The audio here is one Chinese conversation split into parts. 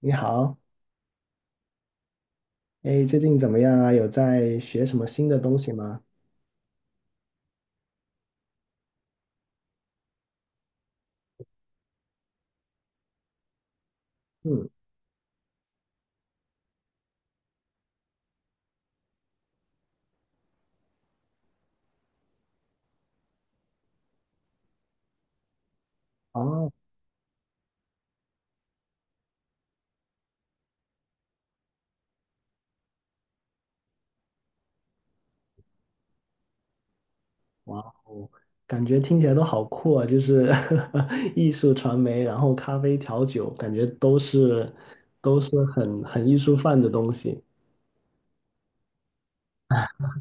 你好，哎，最近怎么样啊？有在学什么新的东西吗？嗯。哦。哇哦，感觉听起来都好酷啊！就是 艺术传媒，然后咖啡调酒，感觉都是很艺术范的东西。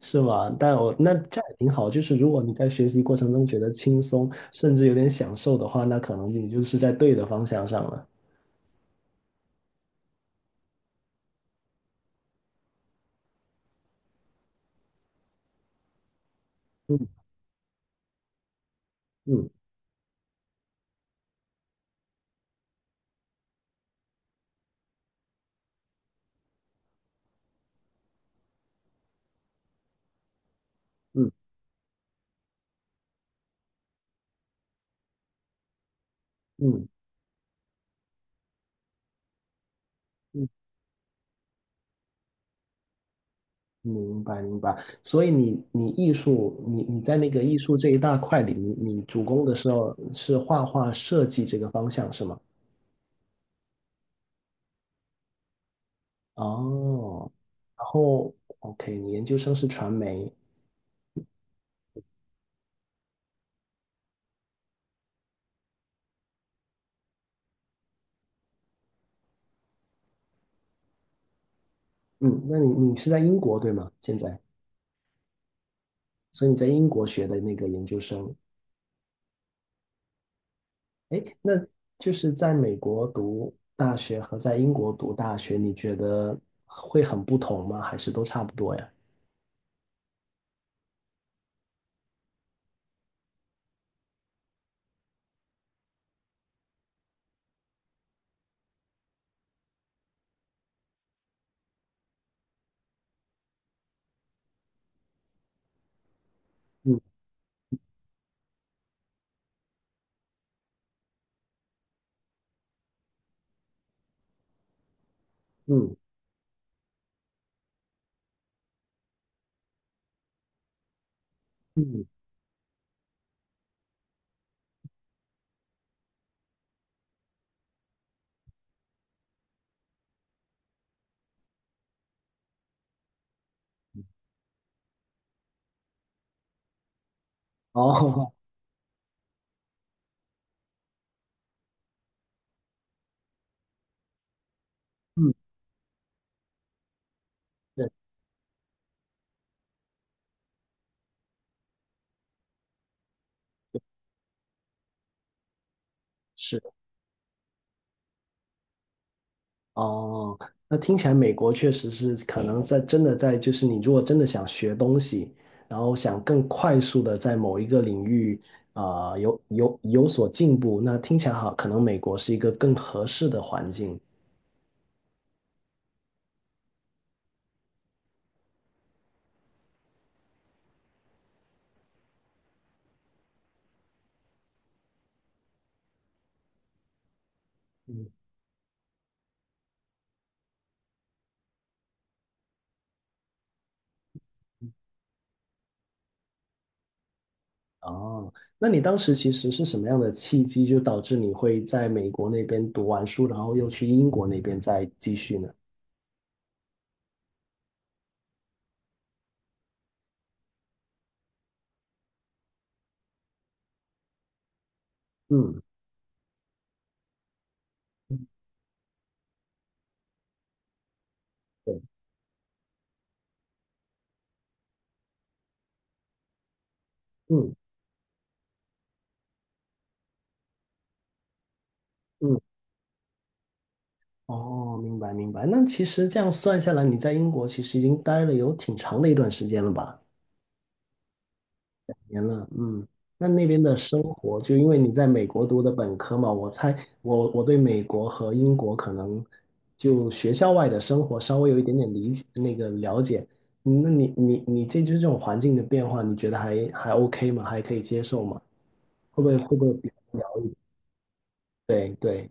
是吗？但我那这样也挺好，就是如果你在学习过程中觉得轻松，甚至有点享受的话，那可能你就是在对的方向上了。嗯。嗯。嗯。嗯。嗯。明白明白。所以你艺术，你在那个艺术这一大块里，你主攻的时候是画画设计这个方向是吗？哦，然后 OK，你研究生是传媒。嗯，那你是在英国对吗？现在，所以你在英国学的那个研究生。哎，那就是在美国读大学和在英国读大学，你觉得会很不同吗？还是都差不多呀？嗯。嗯。嗯。哦。嗯，对，是。哦，那听起来美国确实是可能在真的在，就是你如果真的想学东西，然后想更快速的在某一个领域有所进步，那听起来好，可能美国是一个更合适的环境。嗯。哦，那你当时其实是什么样的契机，就导致你会在美国那边读完书，然后又去英国那边再继续呢？嗯，对，嗯。嗯。哦，明白明白。那其实这样算下来，你在英国其实已经待了有挺长的一段时间了吧？年了，嗯。那那边的生活，就因为你在美国读的本科嘛，我猜我对美国和英国可能就学校外的生活稍微有一点点理解，那个了解。嗯，那你这就是这种环境的变化，你觉得还 OK 吗？还可以接受吗？会不会比较无聊一点对对，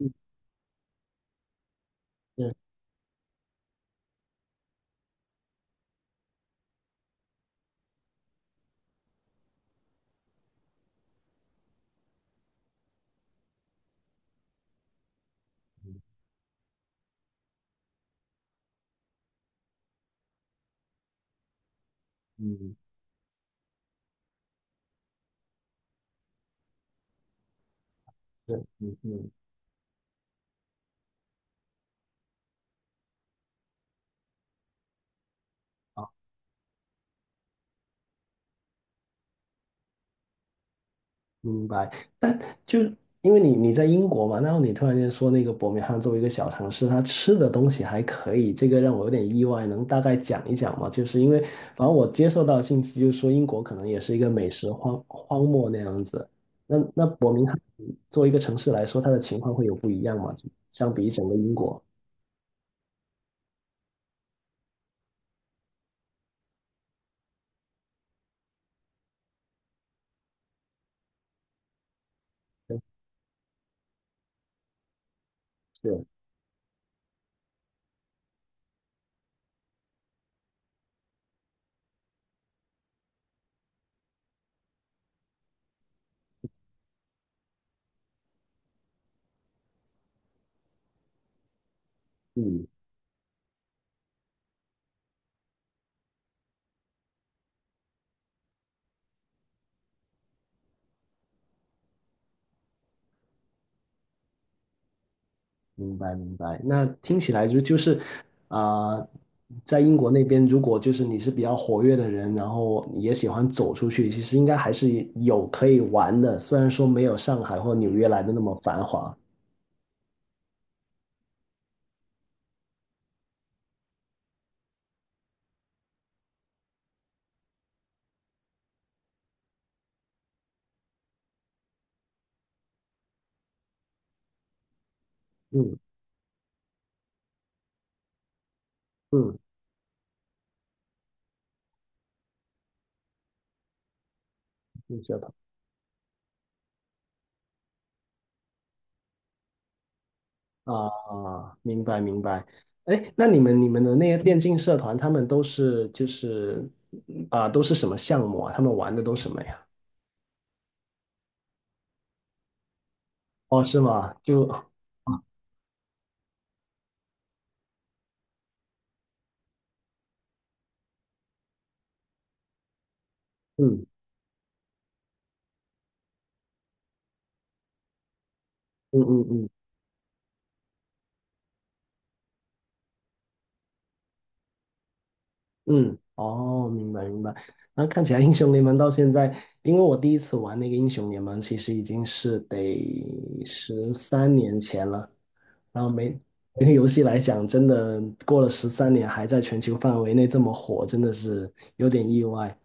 嗯。嗯。嗯。是。嗯。嗯。明白，但就因为你在英国嘛，然后你突然间说那个伯明翰作为一个小城市，它吃的东西还可以，这个让我有点意外，能大概讲一讲吗？就是因为反正我接受到的信息就是说英国可能也是一个美食荒漠那样子，那伯明翰作为一个城市来说，它的情况会有不一样吗？就相比整个英国，是。嗯，明白明白。那听起来就是啊、呃在英国那边，如果就是你是比较活跃的人，然后也喜欢走出去，其实应该还是有可以玩的，虽然说没有上海或纽约来的那么繁华。嗯。嗯。嗯，社团啊。明白明白。哎，那你们你们的那些电竞社团，他们都是都是什么项目啊？他们玩的都什么呀？哦，是吗？就嗯。嗯。嗯。嗯。嗯。哦，明白明白。那看起来英雄联盟到现在，因为我第一次玩那个英雄联盟，其实已经是得十三年前了。然后每个游戏来讲，真的过了十三年还在全球范围内这么火，真的是有点意外。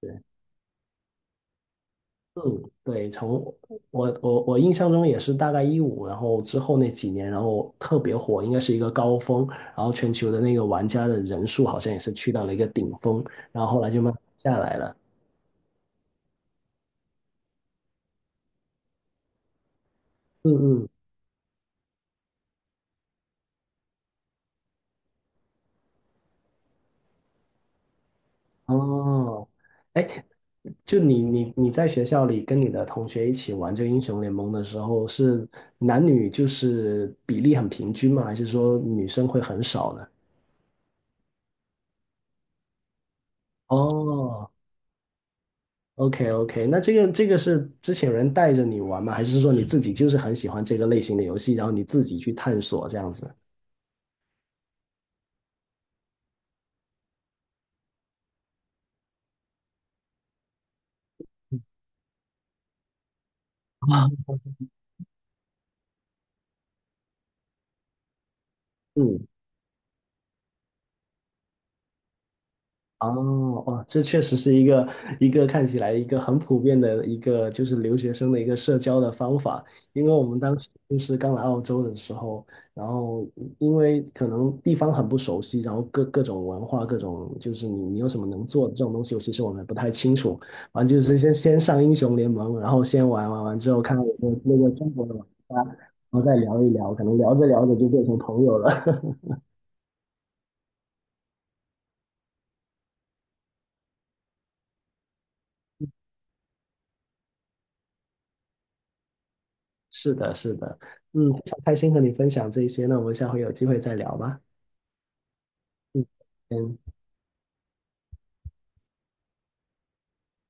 对，嗯，对，从我印象中也是大概2015，然后之后那几年，然后特别火，应该是一个高峰，然后全球的那个玩家的人数好像也是去到了一个顶峰，然后后来就慢慢下来了。嗯。嗯。哦。哎，就你在学校里跟你的同学一起玩这个英雄联盟的时候，是男女就是比例很平均吗？还是说女生会很少呢？哦，OK OK，那这个是之前有人带着你玩吗？还是说你自己就是很喜欢这个类型的游戏，然后你自己去探索这样子？啊。嗯。哦。哦，这确实是一个看起来一个很普遍的一个就是留学生的一个社交的方法，因为我们当时就是刚来澳洲的时候，然后因为可能地方很不熟悉，然后各种文化、各种就是你有什么能做的这种东西，其实我们也不太清楚。完就是先上英雄联盟，然后先玩玩完之后看看有没有那个中国的玩家，然后再聊一聊，可能聊着聊着就变成朋友了。是的，是的。嗯，非常开心和你分享这些，那我们下回有机会再聊吧。嗯。嗯。